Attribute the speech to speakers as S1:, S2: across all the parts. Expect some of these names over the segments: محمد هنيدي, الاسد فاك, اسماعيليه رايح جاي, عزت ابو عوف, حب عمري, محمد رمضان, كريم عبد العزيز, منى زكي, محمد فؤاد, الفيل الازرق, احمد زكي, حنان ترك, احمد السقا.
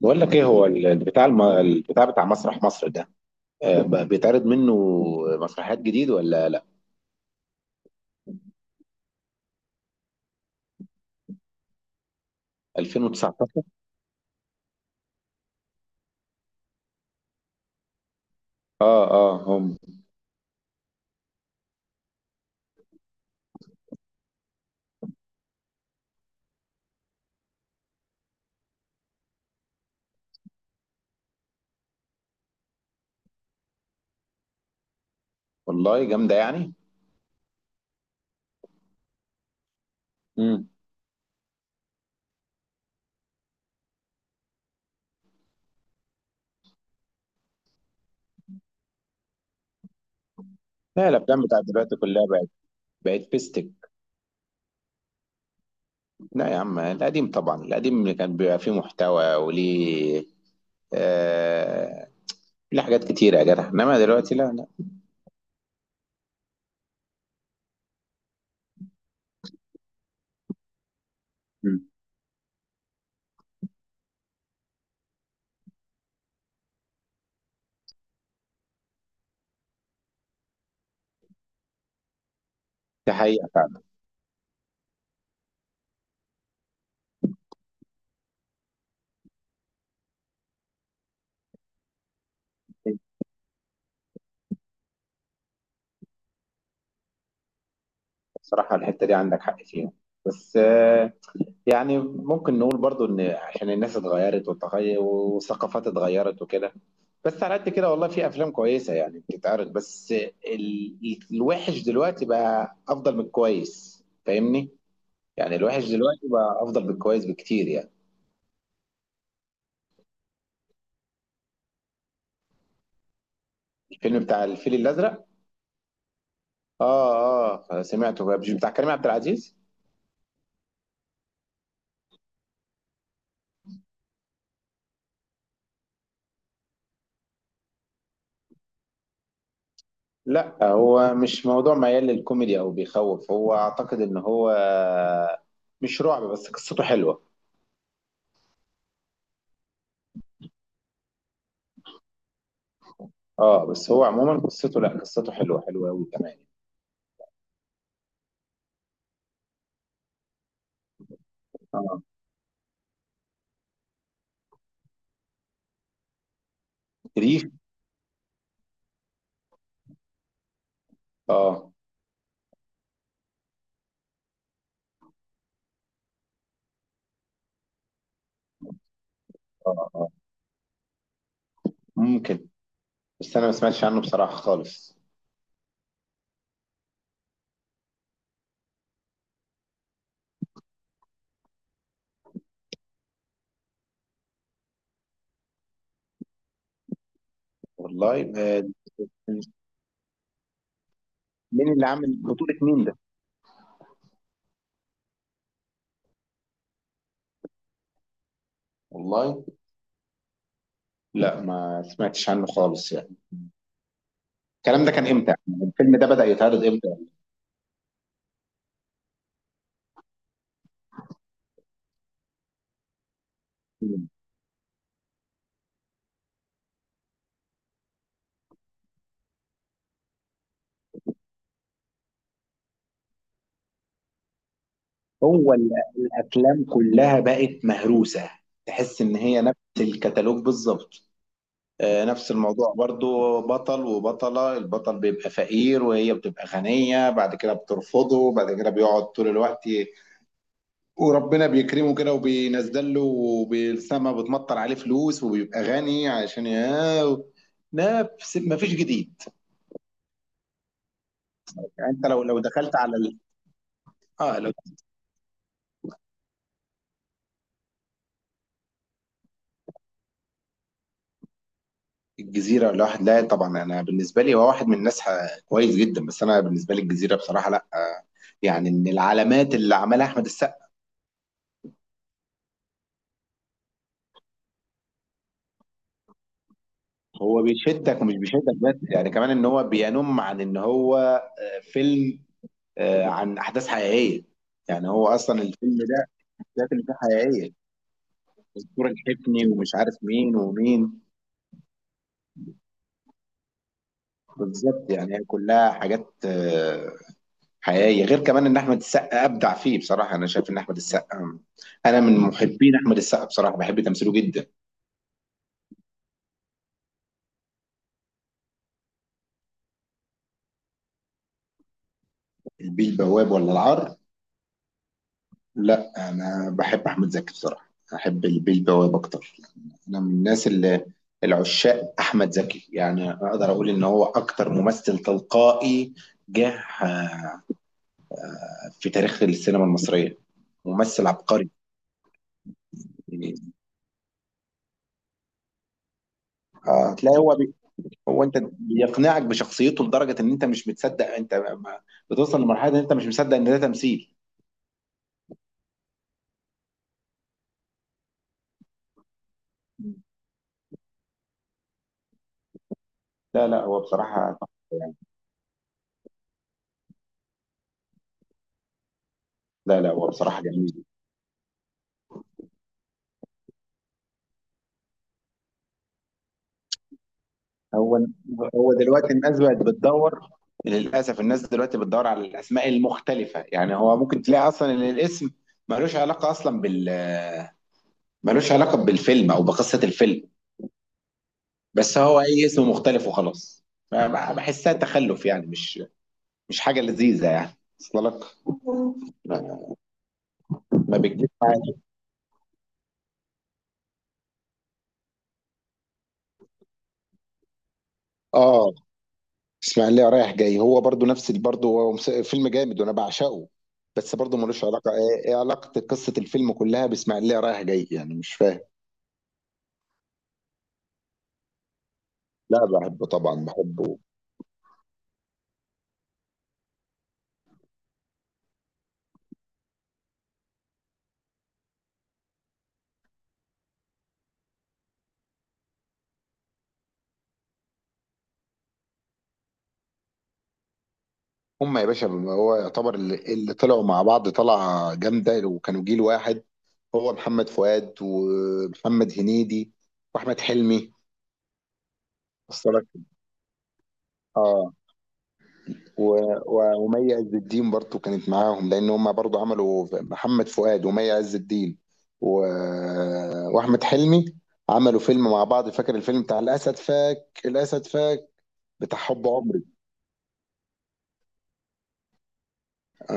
S1: بقول لك ايه هو البتاع بتاع مسرح مصر ده. بيتعرض منه مسرحيات جديد ولا لا 2019؟ اه اه هم. والله جامده يعني. امم لا الافلام بتاعت دلوقتي كلها بقت. بيستك. لا يا عم القديم طبعا، القديم اللي كان بيبقى فيه محتوى وليه، آه، ليه حاجات كتيره يا جدع، انما دلوقتي لا لا. مم. دي حقيقه فعلا. بصراحه الحته دي عندك حق فيها، بس يعني ممكن نقول برضو ان عشان الناس اتغيرت والتغير والثقافات اتغيرت وكده. بس على قد كده والله في افلام كويسه يعني بتتعرض، بس الوحش دلوقتي بقى افضل من الكويس، فاهمني؟ يعني الوحش دلوقتي بقى افضل من الكويس بكتير يعني. الفيلم بتاع الفيل الازرق. اه اه سمعته بقى. مش بتاع كريم عبد العزيز؟ لا هو مش موضوع ميال للكوميدي او بيخوف، هو اعتقد ان هو مش رعب، بس قصته حلوه. اه، بس هو عموما قصته، لا قصته حلوه، حلوه قوي كمان. اه ريف. اه اه اه. ممكن، بس انا ما سمعتش عنه بصراحه خالص. والله مين اللي عامل بطولة مين ده؟ والله لا، ما سمعتش عنه خالص يعني. الكلام ده كان امتى؟ الفيلم ده بدأ يتعرض امتى؟ هو ال- الافلام كلها بقت مهروسة. تحس ان هي نفس الكتالوج بالظبط. نفس الموضوع برضو، بطل وبطلة، البطل بيبقى فقير وهي بتبقى غنية، بعد كده بترفضه، بعد كده بيقعد طول الوقت وربنا بيكرمه كده وبينزل له وبالسما بتمطر عليه فلوس وبيبقى غني عشان ياه. نفس، ما فيش جديد. يعني انت لو دخلت على اه لو، الجزيرة الواحد؟ لا طبعا، انا بالنسبة لي هو واحد من الناس كويس جدا، بس انا بالنسبة لي الجزيرة بصراحة، لا يعني من العلامات اللي عملها احمد السقا. هو بيشدك ومش بيشدك، بس يعني كمان ان هو بينم عن ان هو فيلم عن احداث حقيقيه، يعني هو اصلا الفيلم ده الحاجات اللي فيه حقيقيه، الدكتور الحفني ومش عارف مين ومين. بالظبط، يعني هي كلها حاجات حقيقيه. غير كمان ان احمد السقا ابدع فيه، بصراحه انا شايف ان احمد السقا انا من محبين احمد السقا بصراحه، بحب تمثيله جدا. البيه البواب ولا العار؟ لا انا بحب احمد زكي بصراحه، احب البيه البواب اكتر. انا من الناس اللي العشاق احمد زكي، يعني اقدر اقول ان هو اكتر ممثل تلقائي جه في تاريخ السينما المصريه، ممثل عبقري. يعني هتلاقي هو انت بيقنعك بشخصيته لدرجه ان انت مش متصدق، انت ما- بتوصل لمرحله ان انت مش مصدق ان ده تمثيل. لا لا هو بصراحه لا لا هو بصراحه جميل. هو، هو دلوقتي الناس بقت بتدور، للاسف الناس دلوقتي بتدور على الاسماء المختلفه، يعني هو ممكن تلاقي اصلا ان الاسم ملوش علاقه اصلا بال ملوش علاقه بالفيلم او بقصه الفيلم. بس هو اي اسم مختلف وخلاص. بحسها تخلف يعني، مش مش حاجه لذيذه يعني اصل لك. ما ما بتجيب. اه، اسماعيليه رايح جاي هو برضو برضو هو فيلم جامد وانا بعشقه. بس برضو ملوش علاقه، ايه إيه علاقه قصه الفيلم كلها باسماعيليه رايح جاي؟ يعني مش فاهم. لا بحبه طبعا، بحبه. هم يا باشا، هو يعتبر اللي طلعوا مع بعض طلعه جامده، وكانوا جيل واحد. هو محمد فؤاد ومحمد هنيدي واحمد حلمي، وصلك؟ اه. ومي عز الدين برضو كانت معاهم، لان هم برضو عملوا محمد فؤاد ومي عز الدين و... واحمد حلمي عملوا فيلم مع بعض. فاكر الفيلم بتاع الاسد فاك، الاسد فاك بتاع حب عمري؟ آه.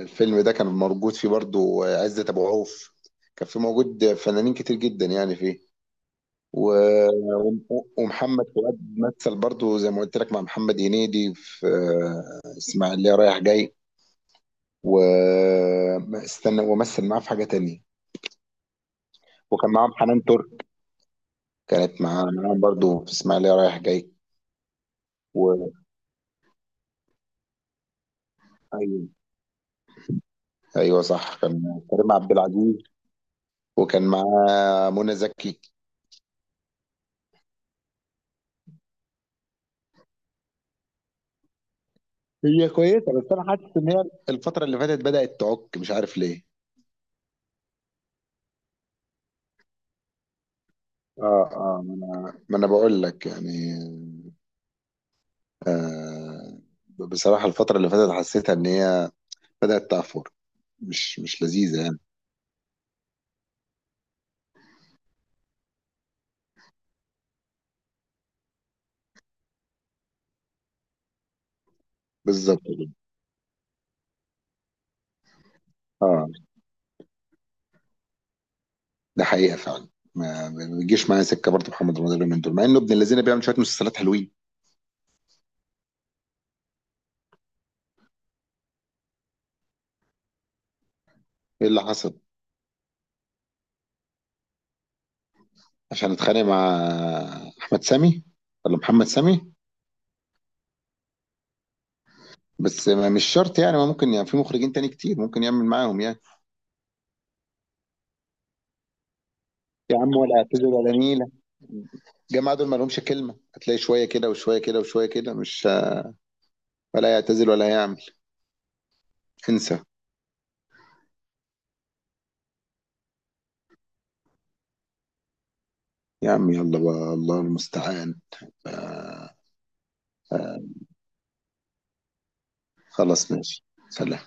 S1: الفيلم ده كان موجود فيه برضو عزت ابو عوف، كان فيه موجود فنانين كتير جدا يعني فيه و... ومحمد فؤاد مثل برضو زي ما قلت لك مع محمد هنيدي في اسماعيليه رايح جاي، واستنى ومثل معاه في حاجة تانية. وكان معاهم حنان ترك، كانت معاه، معاهم برضو في اسماعيلية رايح جاي و... ايوه. ايوه صح، كان كريم عبد العزيز وكان معاه منى زكي. هي كويسة، بس انا حاسس ان هي الفترة اللي فاتت بدأت تعك، مش عارف ليه. اه اه، ما انا بقول لك يعني، آه، بصراحة الفترة اللي فاتت حسيتها ان هي بدأت تعفر، مش مش لذيذة يعني. بالظبط كده. اه، ده حقيقه فعلا. ما بيجيش معايا سكه برضه محمد رمضان اليومين دول، مع انه ابن الذين بيعمل شويه مسلسلات حلوين. ايه اللي حصل؟ عشان اتخانق مع احمد سامي ولا محمد سامي؟ بس ما مش شرط يعني، ما ممكن يعني في مخرجين تاني كتير ممكن يعمل معاهم يعني. يا عم ولا اعتذر ولا نيله، الجماعه دول ما لهمش كلمه، هتلاقي شويه كده وشويه كده وشويه كده، مش ولا يعتزل ولا يعمل. انسى. يا عم يلا بقى، الله المستعان. آه، آه، خلاص ماشي، سلام.